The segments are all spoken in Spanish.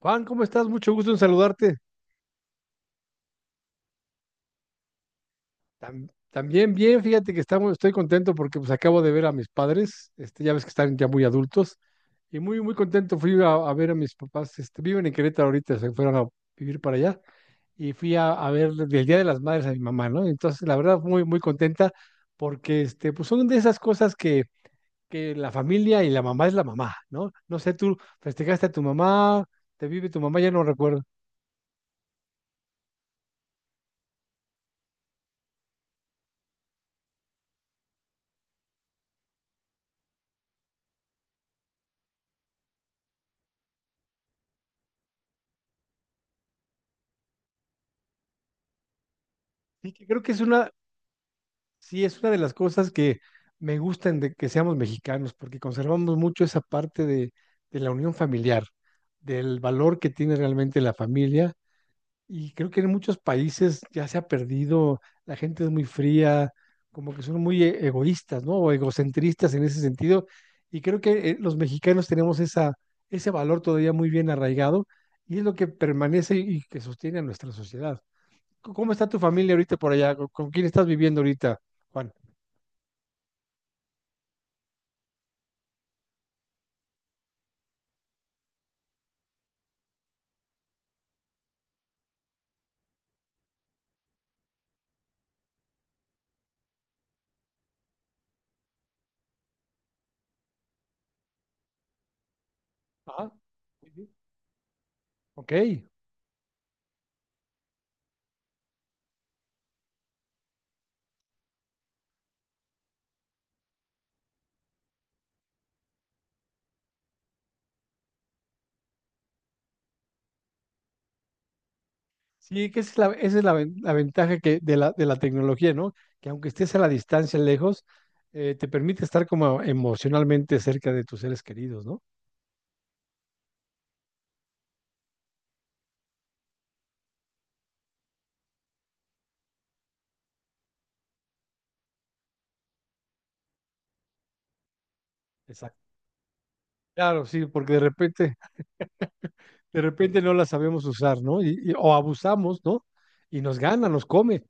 Juan, ¿cómo estás? Mucho gusto en saludarte. También bien, fíjate que estoy contento porque pues acabo de ver a mis padres, este, ya ves que están ya muy adultos, y muy, muy contento fui a ver a mis papás, este, viven en Querétaro ahorita, se fueron a vivir para allá, y fui a ver del Día de las Madres a mi mamá, ¿no? Entonces, la verdad, muy, muy contenta porque, este, pues son de esas que la familia y la mamá es la mamá, ¿no? No sé, tú festejaste a tu mamá, te vive tu mamá, ya no recuerdo. Y que creo que es una, Sí, es una de las cosas que me gustan de que seamos mexicanos, porque conservamos mucho esa de la unión familiar, del valor que tiene realmente la familia. Y creo que en muchos países ya se ha perdido, la gente es muy fría, como que son muy egoístas, ¿no? O egocentristas en ese sentido. Y creo que los mexicanos tenemos ese valor todavía muy bien arraigado y es lo que permanece y que sostiene a nuestra sociedad. ¿Cómo está tu familia ahorita por allá? ¿Con quién estás viviendo ahorita, Juan? Ajá. Sí, sí. Ok. Sí, que esa es la, ven- la ventaja de la tecnología, ¿no? Que aunque estés a la distancia lejos, te permite estar como emocionalmente cerca de tus seres queridos, ¿no? Exacto. Claro, sí, porque de repente no la sabemos usar, ¿no? O abusamos, ¿no? Y nos gana, nos come.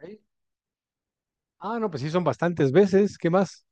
Sí. Ah, no, pues sí, son bastantes veces. ¿Qué más?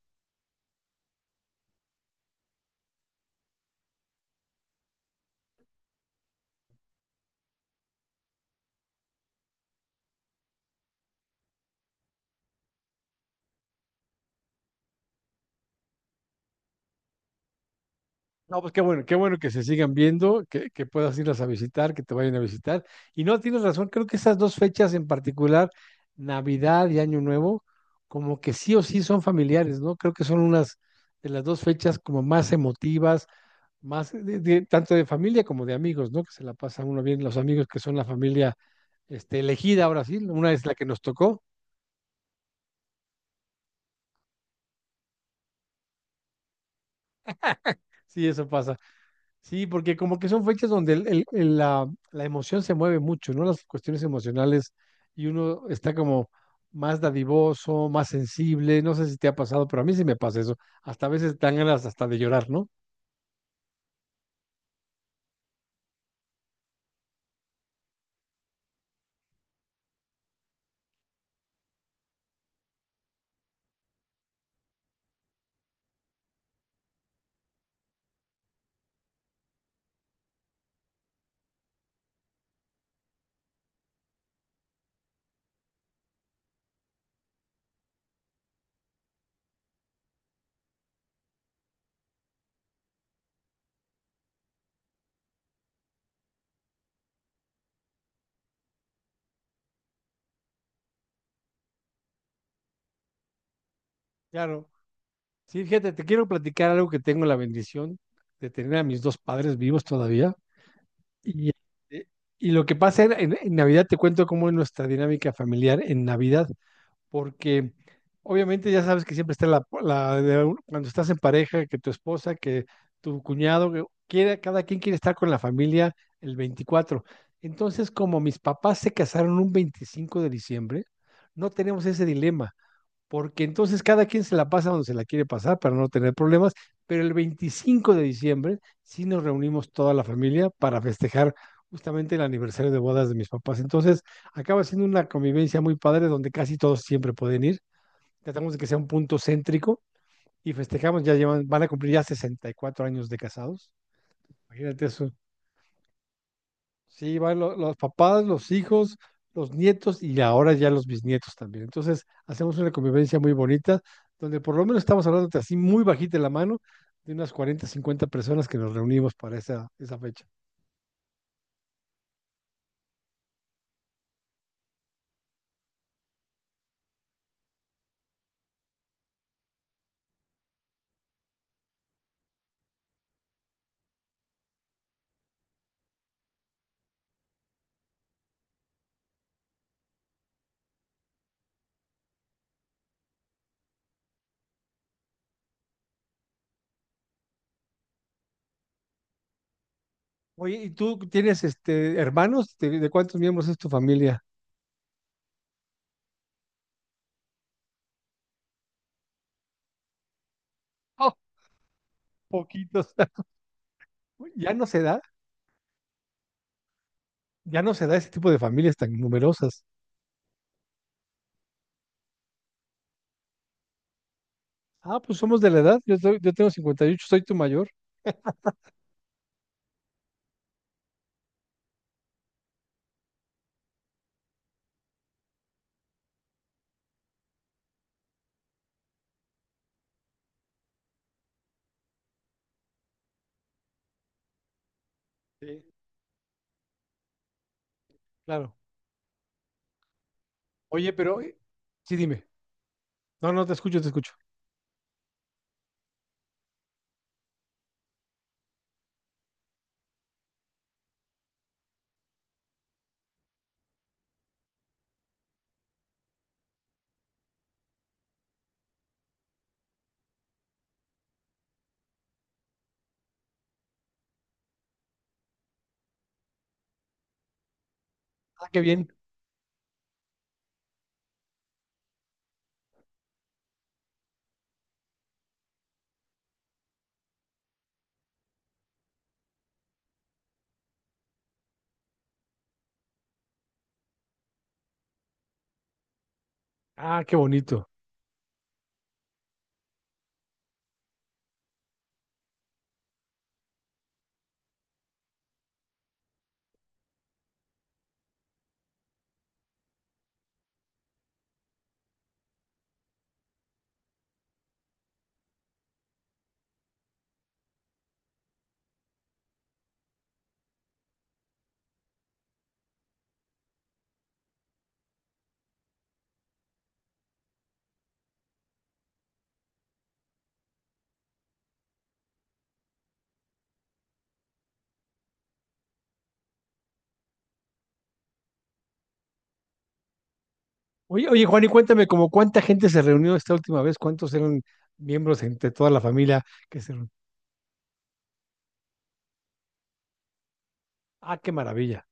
No, pues qué bueno que se sigan viendo, que puedas irlas a visitar, que te vayan a visitar. Y no, tienes razón, creo que esas dos fechas en particular, Navidad y Año Nuevo, como que sí o sí son familiares, ¿no? Creo que son unas de las dos fechas como más emotivas, más tanto de familia como de amigos, ¿no? Que se la pasa uno bien, los amigos que son la familia este, elegida ahora sí, una es la que nos tocó, sí, eso pasa. Sí, porque como que son fechas donde la emoción se mueve mucho, ¿no? Las cuestiones emocionales y uno está como más dadivoso, más sensible, no sé si te ha pasado, pero a mí sí me pasa eso. Hasta a veces dan ganas hasta de llorar, ¿no? Claro. Sí, fíjate, te quiero platicar algo que tengo la bendición de tener a mis dos padres vivos todavía. Y, eh, y lo que pasa en Navidad, te cuento cómo es nuestra dinámica familiar en Navidad. Porque obviamente ya sabes que siempre está cuando estás en pareja, que tu esposa, que tu cuñado, que quiere, cada quien quiere estar con la familia el 24. Entonces, como mis papás se casaron un 25 de diciembre, no tenemos ese dilema porque entonces cada quien se la pasa donde se la quiere pasar para no tener problemas, pero el 25 de diciembre sí nos reunimos toda la familia para festejar justamente el aniversario de bodas de mis papás. Entonces acaba siendo una convivencia muy padre donde casi todos siempre pueden ir. Tratamos de que sea un punto céntrico y festejamos, ya llevan, van a cumplir ya 64 años de casados. Imagínate eso. Sí, van los papás, los hijos, los nietos y ahora ya los bisnietos también. Entonces, hacemos una convivencia muy bonita, donde por lo menos estamos hablando de así muy bajita la mano, de unas 40, 50 personas que nos reunimos para esa fecha. Oye, ¿y tú tienes este hermanos? De cuántos miembros es tu familia? Oh, poquitos. Ya no se da, ya no se da ese tipo de familias tan numerosas. Ah, pues somos de la edad. Yo tengo 58. Soy tu mayor. Sí, claro. Oye, pero sí, dime. No, no, te escucho, te escucho. Ah, qué bien. Ah, qué bonito. Oye, oye, Juan, y cuéntame, ¿como cuánta gente se reunió esta última vez? ¿Cuántos eran miembros entre toda la familia que se reunió? Ah, qué maravilla.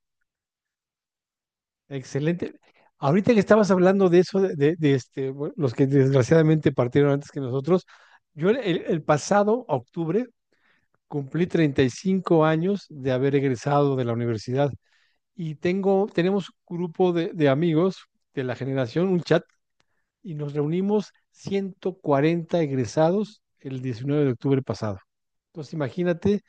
Excelente. Ahorita que estabas hablando de eso, este, bueno, los que desgraciadamente partieron antes que nosotros, yo el pasado octubre cumplí 35 años de haber egresado de la universidad y tenemos un grupo de amigos de la generación, un chat y nos reunimos 140 egresados el 19 de octubre pasado. Entonces imagínate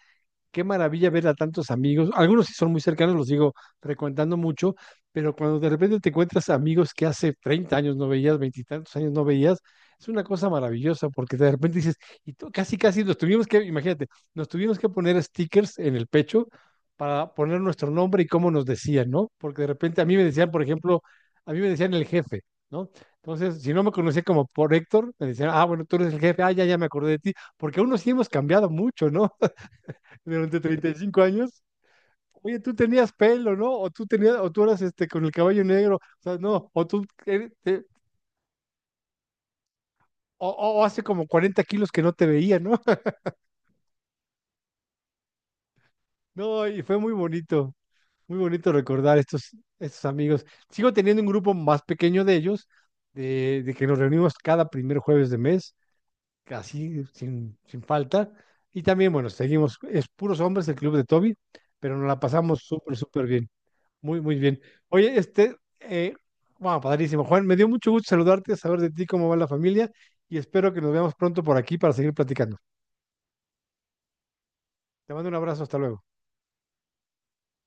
qué maravilla ver a tantos amigos. Algunos sí son muy cercanos, los sigo frecuentando mucho, pero cuando de repente te encuentras amigos que hace 30 años no veías, veintitantos años no veías, es una cosa maravillosa porque de repente dices, y tú, casi, casi nos tuvimos que, imagínate, nos tuvimos que poner stickers en el pecho para poner nuestro nombre y cómo nos decían, ¿no? Porque de repente a mí me decían, por ejemplo, a mí me decían el jefe, ¿no? Entonces, si no me conocía como por Héctor, me decían, ah, bueno, tú eres el jefe, ah, ya, ya me acordé de ti, porque uno sí hemos cambiado mucho, ¿no? Durante 35 años, oye, tú tenías pelo, ¿no? O tú tenías, o tú eras este con el cabello negro, o sea, no, o tú eres- te- o hace como 40 kilos que no te veía, ¿no? No, y fue muy bonito recordar estos amigos. Sigo teniendo un grupo más pequeño de ellos, de que nos reunimos cada primer jueves de mes, casi sin falta. Y también, bueno, seguimos, es puros hombres el club de Toby, pero nos la pasamos súper, súper bien. Muy, muy bien. Oye, este, wow, padrísimo. Juan, me dio mucho gusto saludarte, saber de ti, cómo va la familia, y espero que nos veamos pronto por aquí para seguir platicando. Te mando un abrazo, hasta luego.